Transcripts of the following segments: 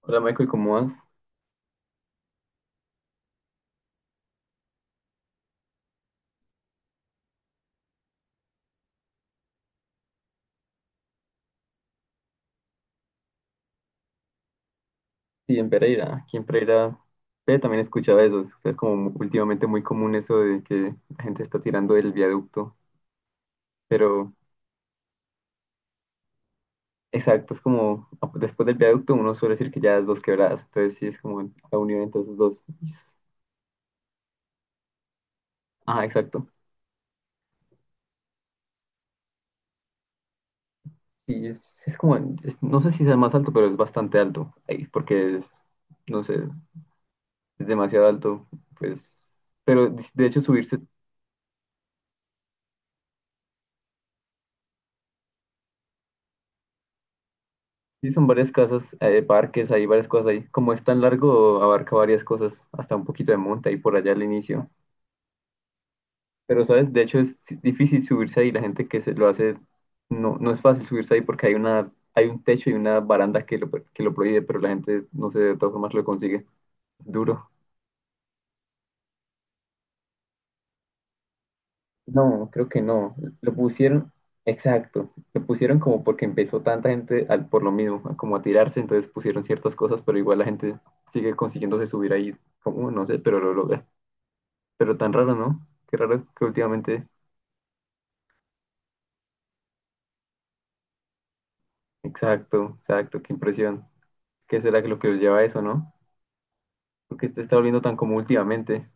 Hola Michael, ¿cómo vas? Sí, en Pereira. Aquí en Pereira también escuchaba eso. Es como últimamente muy común eso de que la gente está tirando del viaducto. Pero exacto, es como después del viaducto uno suele decir que ya es dos quebradas. Entonces sí, es como la unión entre esos dos. Ah, exacto. Sí, es como, no sé si sea más alto, pero es bastante alto ahí, porque es, no sé, es demasiado alto. Pues, pero de hecho subirse. Sí, son varias casas, parques, hay varias cosas ahí. Como es tan largo, abarca varias cosas, hasta un poquito de monta y por allá al inicio. Pero, ¿sabes? De hecho, es difícil subirse ahí. La gente que se lo hace, no, no es fácil subirse ahí porque hay una, hay un techo y una baranda que lo prohíbe, pero la gente, no sé, de todas formas lo consigue. Duro. No, creo que no. Lo pusieron, exacto. Lo pusieron como porque empezó tanta gente al, por lo mismo, a como a tirarse, entonces pusieron ciertas cosas, pero igual la gente sigue consiguiéndose subir ahí, como no sé, pero lo logra. Pero tan raro, ¿no? Qué raro que últimamente. Exacto, exacto, qué impresión. ¿Qué será que lo que los lleva a eso, no? Porque se está volviendo tan común últimamente.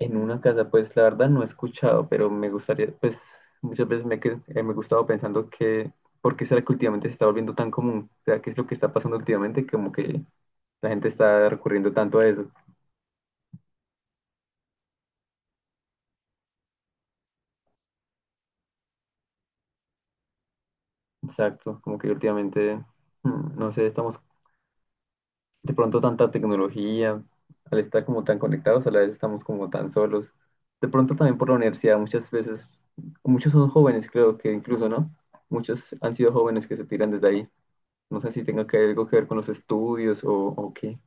En una casa, pues la verdad no he escuchado, pero me gustaría, pues muchas veces me, me he gustado pensando que ¿por qué será que últimamente se está volviendo tan común? O sea, ¿qué es lo que está pasando últimamente? Como que la gente está recurriendo tanto a eso. Exacto, como que últimamente, no sé, estamos de pronto tanta tecnología, al estar como tan conectados, a la vez estamos como tan solos. De pronto también por la universidad, muchas veces, muchos son jóvenes, creo que incluso, ¿no? Muchos han sido jóvenes que se tiran desde ahí. No sé si tenga que algo que ver con los estudios o qué.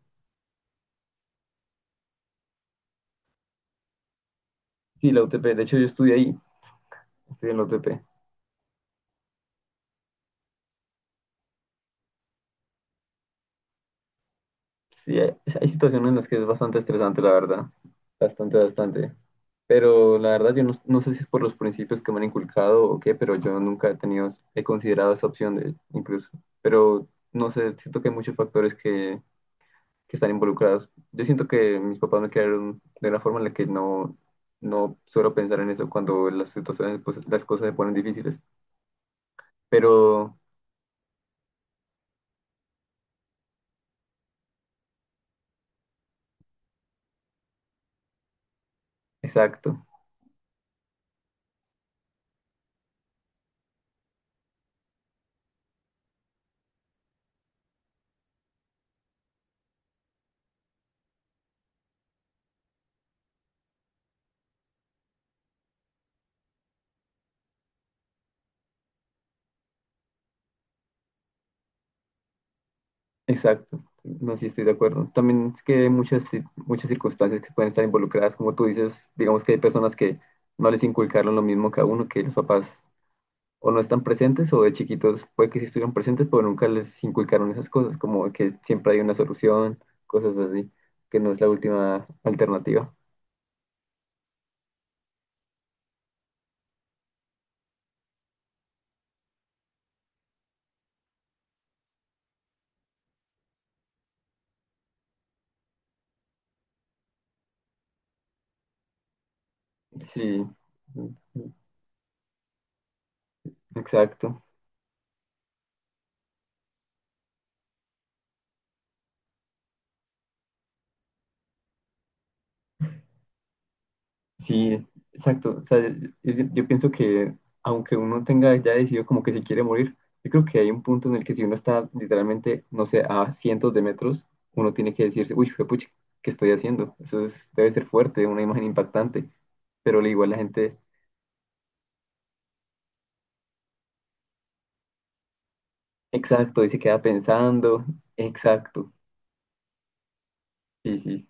Sí, la UTP, de hecho yo estudié ahí, estudié en la UTP. Sí, hay situaciones en las que es bastante estresante, la verdad. Bastante, bastante. Pero la verdad, yo no, no sé si es por los principios que me han inculcado o qué, pero yo nunca he tenido, he considerado esa opción de, incluso. Pero no sé, siento que hay muchos factores que están involucrados. Yo siento que mis papás me crearon de una forma en la que no, no suelo pensar en eso cuando las situaciones, pues las cosas se ponen difíciles. Pero, exacto. Exacto, no, sí estoy de acuerdo. También es que hay muchas, muchas circunstancias que pueden estar involucradas, como tú dices, digamos que hay personas que no les inculcaron lo mismo que a uno, que los papás o no están presentes o de chiquitos puede que sí estuvieron presentes, pero nunca les inculcaron esas cosas, como que siempre hay una solución, cosas así, que no es la última alternativa. Sí, mm, mm, exacto. Sí, exacto. O sea, yo pienso que aunque uno tenga ya decidido como que se quiere morir, yo creo que hay un punto en el que si uno está literalmente, no sé, a cientos de metros, uno tiene que decirse, uy, pucha, ¿qué estoy haciendo? Debe ser fuerte, una imagen impactante. Pero al igual la gente, exacto, y se queda pensando, exacto, sí, sí,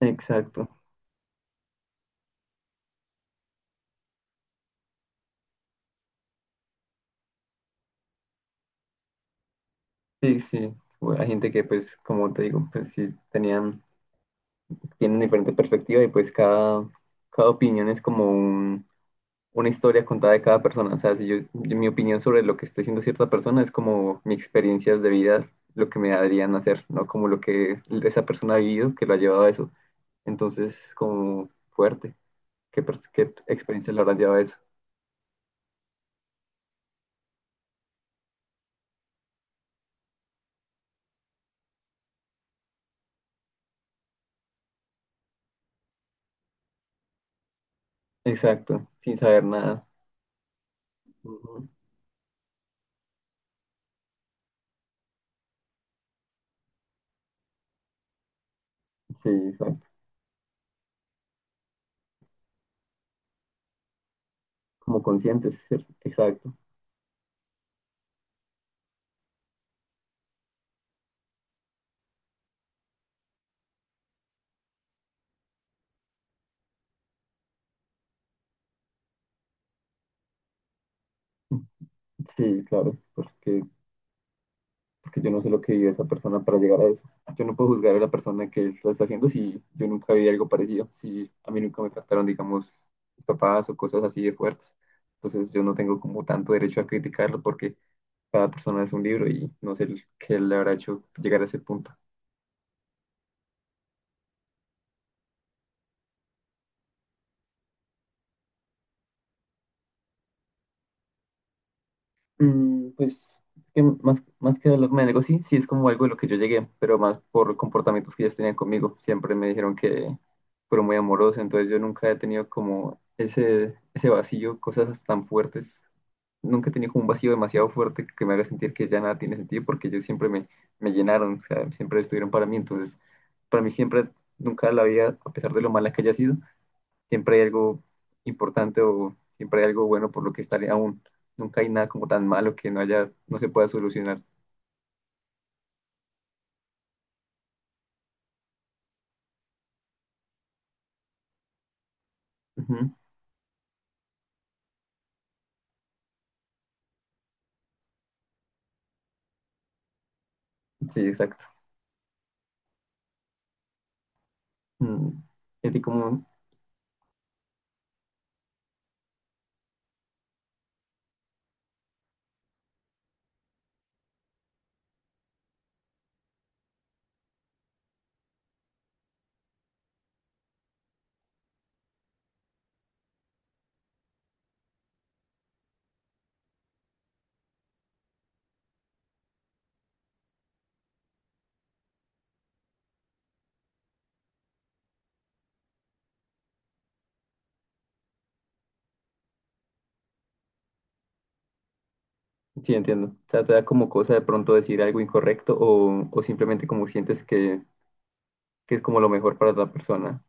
exacto, sí, sí. Bueno, hay gente que pues, como te digo, pues sí, tenían, tienen diferente perspectiva y pues cada, cada opinión es como un una historia contada de cada persona. O sea, si yo, mi opinión sobre lo que está haciendo cierta persona es como mis experiencias de vida, lo que me harían hacer, no como lo que esa persona ha vivido que lo ha llevado a eso. Entonces, como fuerte, qué experiencias lo habrán llevado a eso. Exacto, sin saber nada. Ujú. Sí, exacto. Como conscientes, ¿cierto? Exacto. Sí, claro, porque porque yo no sé lo que vive esa persona para llegar a eso. Yo no puedo juzgar a la persona que lo está haciendo si yo nunca vi algo parecido, si a mí nunca me trataron, digamos, papás o cosas así de fuertes. Entonces yo no tengo como tanto derecho a criticarlo porque cada persona es un libro y no sé qué le habrá hecho llegar a ese punto. Mm, pues que más, más que hablarme de negocio, sí, sí es como algo de lo que yo llegué, pero más por comportamientos que ellos tenían conmigo. Siempre me dijeron que fueron muy amorosos, entonces yo nunca he tenido como ese vacío, cosas tan fuertes. Nunca he tenido como un vacío demasiado fuerte que me haga sentir que ya nada tiene sentido, porque ellos siempre me, me llenaron, o sea, siempre estuvieron para mí. Entonces, para mí siempre, nunca la vida, a pesar de lo mala que haya sido, siempre hay algo importante o siempre hay algo bueno por lo que estaré aún. Nunca hay nada como tan malo que no haya, no se pueda solucionar. Ujú. Sí, exacto. Mm, ¿Y a ti cómo? Sí, entiendo. O sea, te da como cosa de pronto decir algo incorrecto o simplemente como sientes que es como lo mejor para otra persona.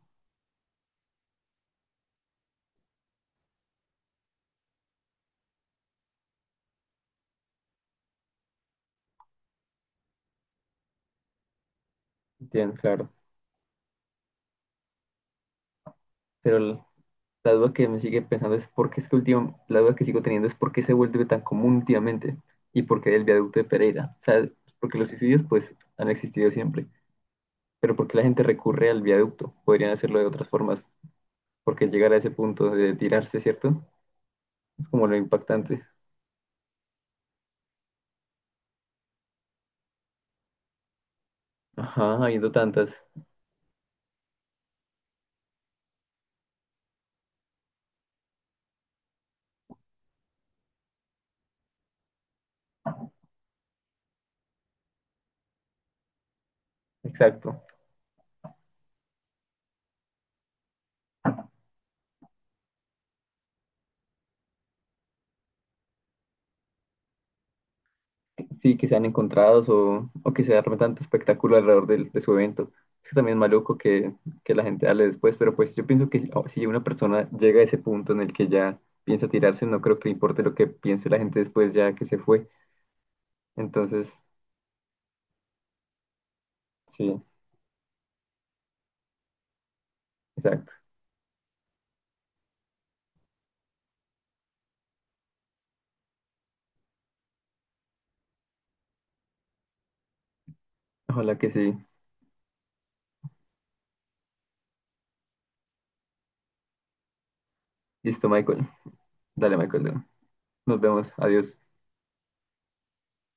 Entiendo, claro. Pero la duda que me sigue pensando es por qué es que último, la duda que sigo teniendo es por qué se vuelve tan común últimamente y por qué el viaducto de Pereira. O sea, porque los suicidios pues han existido siempre. Pero ¿por qué la gente recurre al viaducto? Podrían hacerlo de otras formas. Porque llegar a ese punto de tirarse, ¿cierto? Es como lo impactante. Ajá, habiendo tantas. Exacto. Sí, que sean encontrados o que se arme tanto espectáculo alrededor de su evento. Es que también es maluco que la gente hable después, pero pues yo pienso que si una persona llega a ese punto en el que ya piensa tirarse, no creo que le importe lo que piense la gente después ya que se fue. Entonces, sí, exacto. Ojalá que sí. Listo, Michael. Dale, Michael. Nos vemos. Adiós.